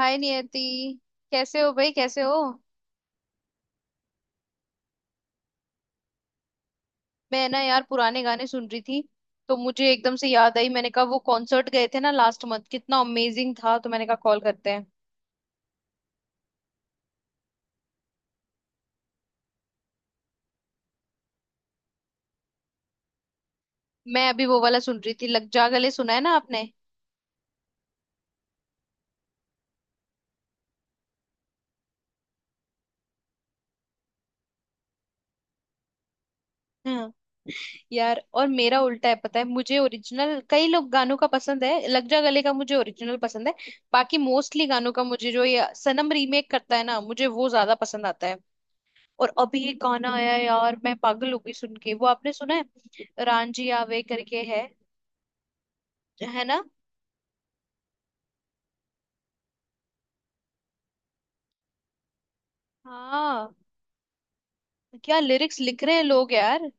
हाय नियति, कैसे हो भाई? कैसे हो? मैं ना यार पुराने गाने सुन रही थी। तो मुझे एकदम से याद आई। मैंने कहा वो कॉन्सर्ट गए थे ना लास्ट मंथ, कितना अमेजिंग था। तो मैंने कहा कॉल करते हैं। मैं अभी वो वाला सुन रही थी, लग जा गले। सुना है ना आपने? हाँ यार, और मेरा उल्टा है। पता है, मुझे ओरिजिनल कई लोग गानों का पसंद है। लग जा गले का मुझे ओरिजिनल पसंद है। बाकी मोस्टली गानों का मुझे जो ये सनम रीमेक करता है ना, मुझे वो ज्यादा पसंद आता है। और अभी ये गाना आया है यार, मैं पागल हो गई सुन के। वो आपने सुना है, रांझी आवे करके है? है ना? हाँ। क्या लिरिक्स लिख रहे हैं लोग यार।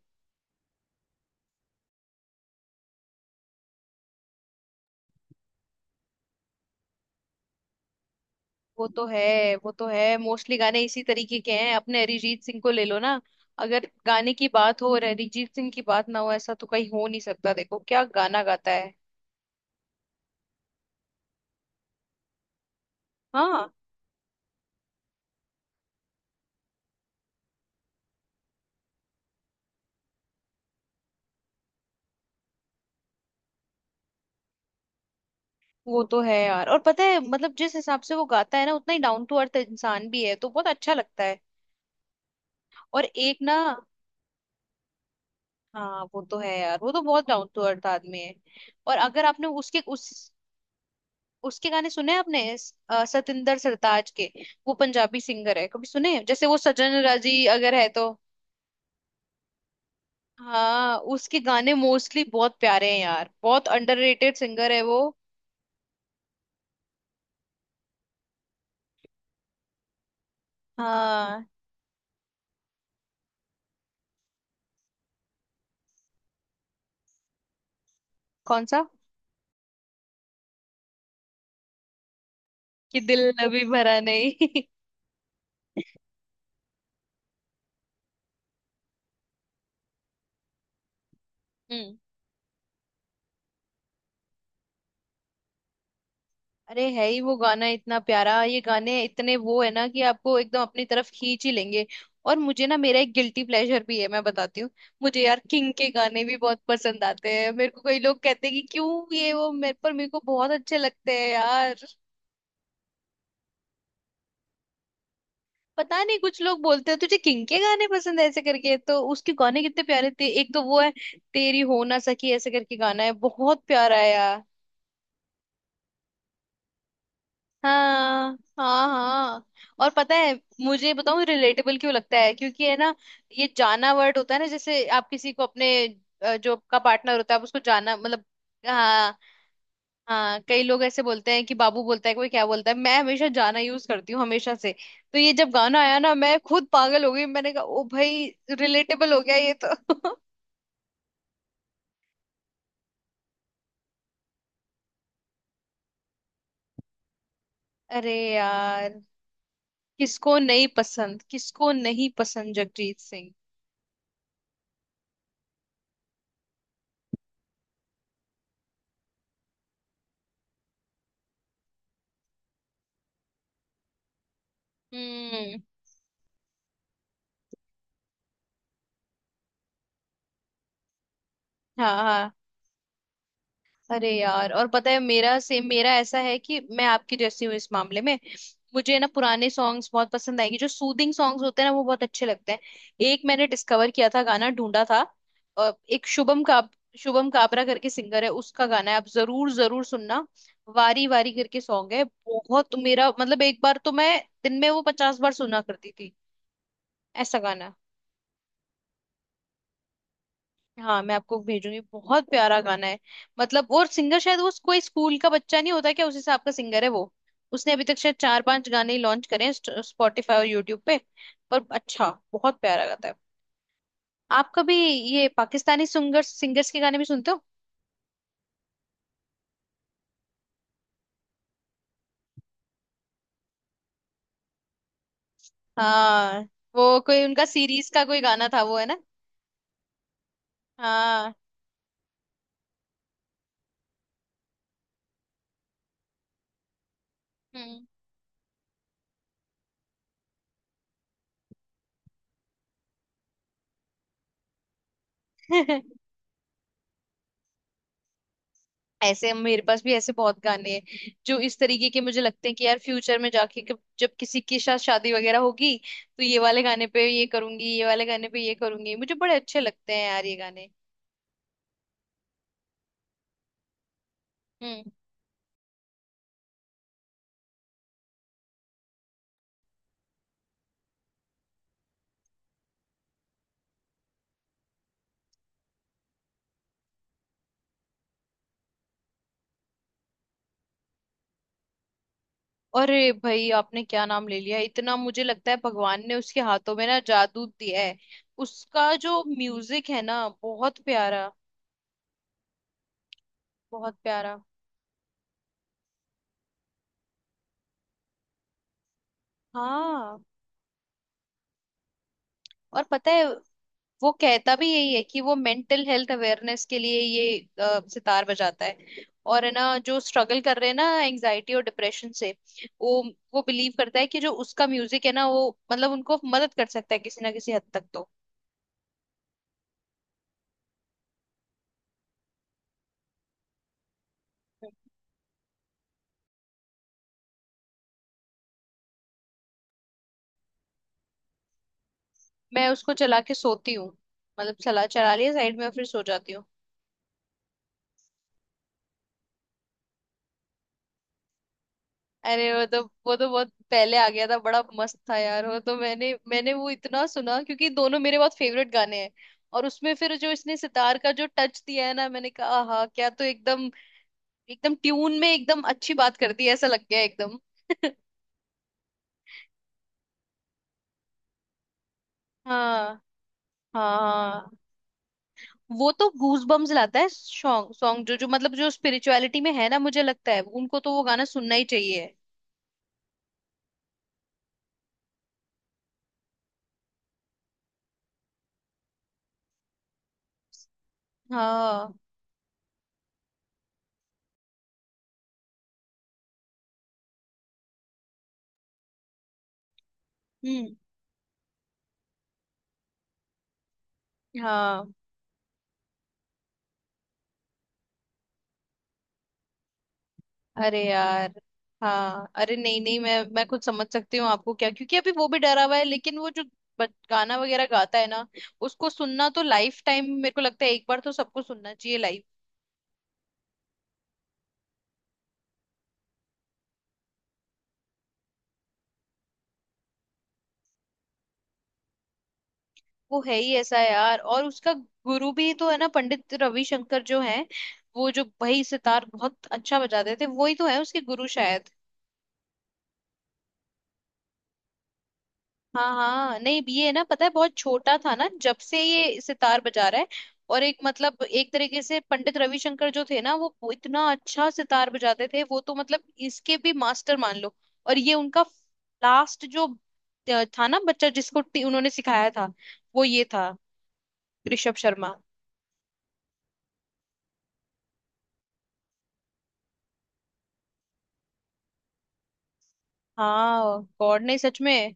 वो तो है, वो तो है। मोस्टली गाने इसी तरीके के हैं। अपने अरिजीत सिंह को ले लो ना। अगर गाने की बात हो और अरिजीत सिंह की बात ना हो, ऐसा तो कहीं हो नहीं सकता। देखो क्या गाना गाता है। हाँ वो तो है यार। और पता है मतलब, जिस हिसाब से वो गाता है ना, उतना ही डाउन टू अर्थ इंसान भी है, तो बहुत अच्छा लगता है। और एक ना। हाँ वो तो है यार, वो तो बहुत डाउन टू अर्थ आदमी है। और अगर आपने उसके उस उसके गाने सुने हैं आपने, सतिंदर सरताज के। वो पंजाबी सिंगर है। कभी सुने हैं? जैसे वो सजन राजी अगर है तो। हाँ, उसके गाने मोस्टली बहुत प्यारे हैं यार। बहुत अंडररेटेड सिंगर है वो। हाँ। कौन सा? कि दिल अभी भरा नहीं। हम्म। अरे है ही वो गाना इतना प्यारा। ये गाने इतने वो है ना कि आपको एकदम अपनी तरफ खींच ही लेंगे। और मुझे ना मेरा एक गिल्टी प्लेजर भी है, मैं बताती हूँ। मुझे यार किंग के गाने भी बहुत पसंद आते हैं। मेरे को कई लोग कहते हैं कि क्यों ये वो, मेरे पर मेरे को बहुत अच्छे लगते हैं यार। पता नहीं कुछ लोग बोलते हैं तुझे किंग के गाने पसंद है ऐसे करके। तो उसके गाने कितने प्यारे थे। एक तो वो है, तेरी हो ना सकी ऐसे करके गाना है, बहुत प्यारा है। हाँ हाँ हाँ। और पता है, मुझे बताऊँ रिलेटेबल क्यों लगता है? क्योंकि है ना, ये जाना वर्ड होता है ना। जैसे आप किसी को अपने जो आपका पार्टनर होता है, आप उसको जाना मतलब। हाँ। हाँ, कई लोग ऐसे बोलते हैं कि बाबू बोलता है, कोई क्या बोलता है। मैं हमेशा जाना यूज करती हूँ हमेशा से। तो ये जब गाना आया ना, मैं खुद पागल हो गई। मैंने कहा ओ भाई, रिलेटेबल हो गया ये तो। अरे यार, किसको नहीं पसंद, किसको नहीं पसंद जगजीत सिंह। हम्म। हाँ हाँ। अरे यार और पता है, मेरा सेम, मेरा ऐसा है कि मैं आपकी जैसी हूँ इस मामले में। मुझे ना पुराने सॉन्ग्स बहुत पसंद आएंगे। जो सूदिंग सॉन्ग्स होते हैं ना वो बहुत अच्छे लगते हैं। एक मैंने डिस्कवर किया था, गाना ढूंढा था एक शुभम का। शुभम काबरा करके सिंगर है, उसका गाना है, आप जरूर जरूर सुनना। वारी वारी करके सॉन्ग है। बहुत मेरा मतलब, एक बार तो मैं दिन में वो 50 बार सुना करती थी। ऐसा गाना। हाँ मैं आपको भेजूंगी, बहुत प्यारा गाना है। मतलब और सिंगर शायद वो कोई स्कूल का बच्चा नहीं होता क्या उस हिसाब का सिंगर है वो। उसने अभी तक शायद 4-5 गाने ही लॉन्च करे हैं स्पॉटिफाई और यूट्यूब पे। पर अच्छा, बहुत प्यारा गाता है। आप कभी ये पाकिस्तानी सिंगर्स के गाने भी सुनते हो? हाँ वो कोई उनका सीरीज का कोई गाना था, वो है ना। हाँ हम्म। ऐसे मेरे पास भी ऐसे बहुत गाने हैं जो इस तरीके के मुझे लगते हैं कि यार फ्यूचर में जाके जब किसी के साथ शादी वगैरह होगी, तो ये वाले गाने पे ये करूंगी, ये वाले गाने पे ये करूंगी। मुझे बड़े अच्छे लगते हैं यार ये गाने। हम्म। अरे भाई आपने क्या नाम ले लिया, इतना मुझे लगता है भगवान ने उसके हाथों में ना जादू दिया है। उसका जो म्यूजिक है ना बहुत प्यारा। बहुत प्यारा। हाँ और पता है, वो कहता भी यही है कि वो मेंटल हेल्थ अवेयरनेस के लिए ये सितार बजाता है। और है ना जो स्ट्रगल कर रहे हैं ना एंजाइटी और डिप्रेशन से, वो वो बिलीव करता है कि जो उसका म्यूजिक है ना, वो मतलब उनको मदद कर सकता है किसी ना किसी हद तक तो। मैं उसको चला के सोती हूँ, मतलब चला चला लिया साइड में और फिर सो जाती हूँ। अरे वो तो बहुत पहले आ गया था। बड़ा मस्त था यार वो तो। मैंने मैंने वो इतना सुना क्योंकि दोनों मेरे बहुत फेवरेट गाने हैं। और उसमें फिर जो इसने सितार का जो टच दिया है ना, मैंने कहा हाँ क्या! तो एकदम एकदम ट्यून में, एकदम अच्छी बात करती है ऐसा लग गया एकदम। हाँ। हाँ वो तो गूज बम्स लाता है सॉन्ग। सॉन्ग जो जो मतलब जो स्पिरिचुअलिटी में है ना, मुझे लगता है उनको तो वो गाना सुनना ही चाहिए। हाँ। हम्म। हाँ। अरे यार। हाँ अरे नहीं नहीं, मैं कुछ समझ सकती हूँ आपको क्या, क्योंकि अभी वो भी डरा हुआ है। लेकिन वो जो गाना वगैरह गाता है ना, उसको सुनना तो लाइफ टाइम मेरे को लगता है एक बार तो सबको सुनना चाहिए लाइव। वो है ही ऐसा यार। और उसका गुरु भी तो है ना, पंडित रविशंकर जो है। वो जो भाई सितार बहुत अच्छा बजाते थे, वही तो है उसके गुरु शायद। हाँ हाँ नहीं ये है ना, पता है बहुत छोटा था ना जब से ये सितार बजा रहा है। और एक मतलब, एक तरीके से पंडित रविशंकर जो थे ना, वो इतना अच्छा सितार बजाते थे। वो तो मतलब इसके भी मास्टर मान लो। और ये उनका लास्ट जो था ना बच्चा, जिसको उन्होंने सिखाया था, वो ये था, ऋषभ शर्मा। हाँ गॉड नहीं, सच में।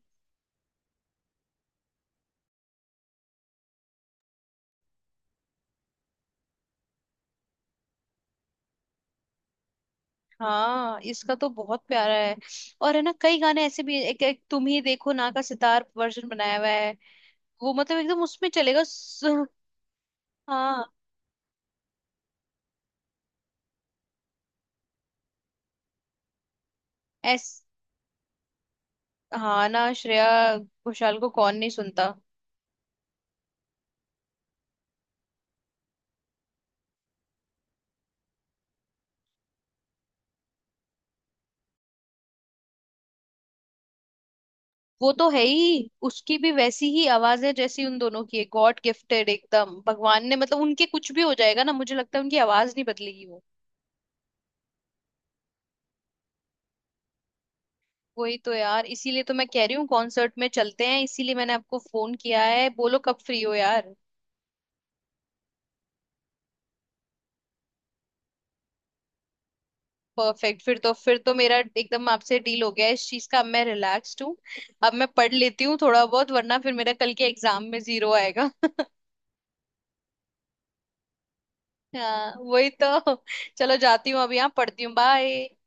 हाँ, इसका तो बहुत प्यारा है। और है ना, कई गाने ऐसे भी, एक तुम ही देखो ना का सितार वर्जन बनाया हुआ है। वो मतलब एकदम उसमें चलेगा। हाँ। एस। हाँ ना, श्रेया घोषाल को कौन नहीं सुनता। वो तो है ही, उसकी भी वैसी ही आवाज है जैसी उन दोनों की है। गॉड गिफ्टेड एकदम, भगवान ने मतलब, उनके कुछ भी हो जाएगा ना, मुझे लगता है उनकी आवाज नहीं बदलेगी वो। वही तो यार, इसीलिए तो मैं कह रही हूँ कॉन्सर्ट में चलते हैं। इसीलिए मैंने आपको फोन किया है, बोलो कब फ्री हो यार। परफेक्ट, फिर तो मेरा एकदम आपसे डील हो गया है इस चीज का। अब मैं रिलैक्स्ड हूँ। अब मैं पढ़ लेती हूँ थोड़ा बहुत, वरना फिर मेरा कल के एग्जाम में 0 आएगा। हाँ वही तो। चलो जाती हूँ अभी, यहाँ पढ़ती हूँ। बाय।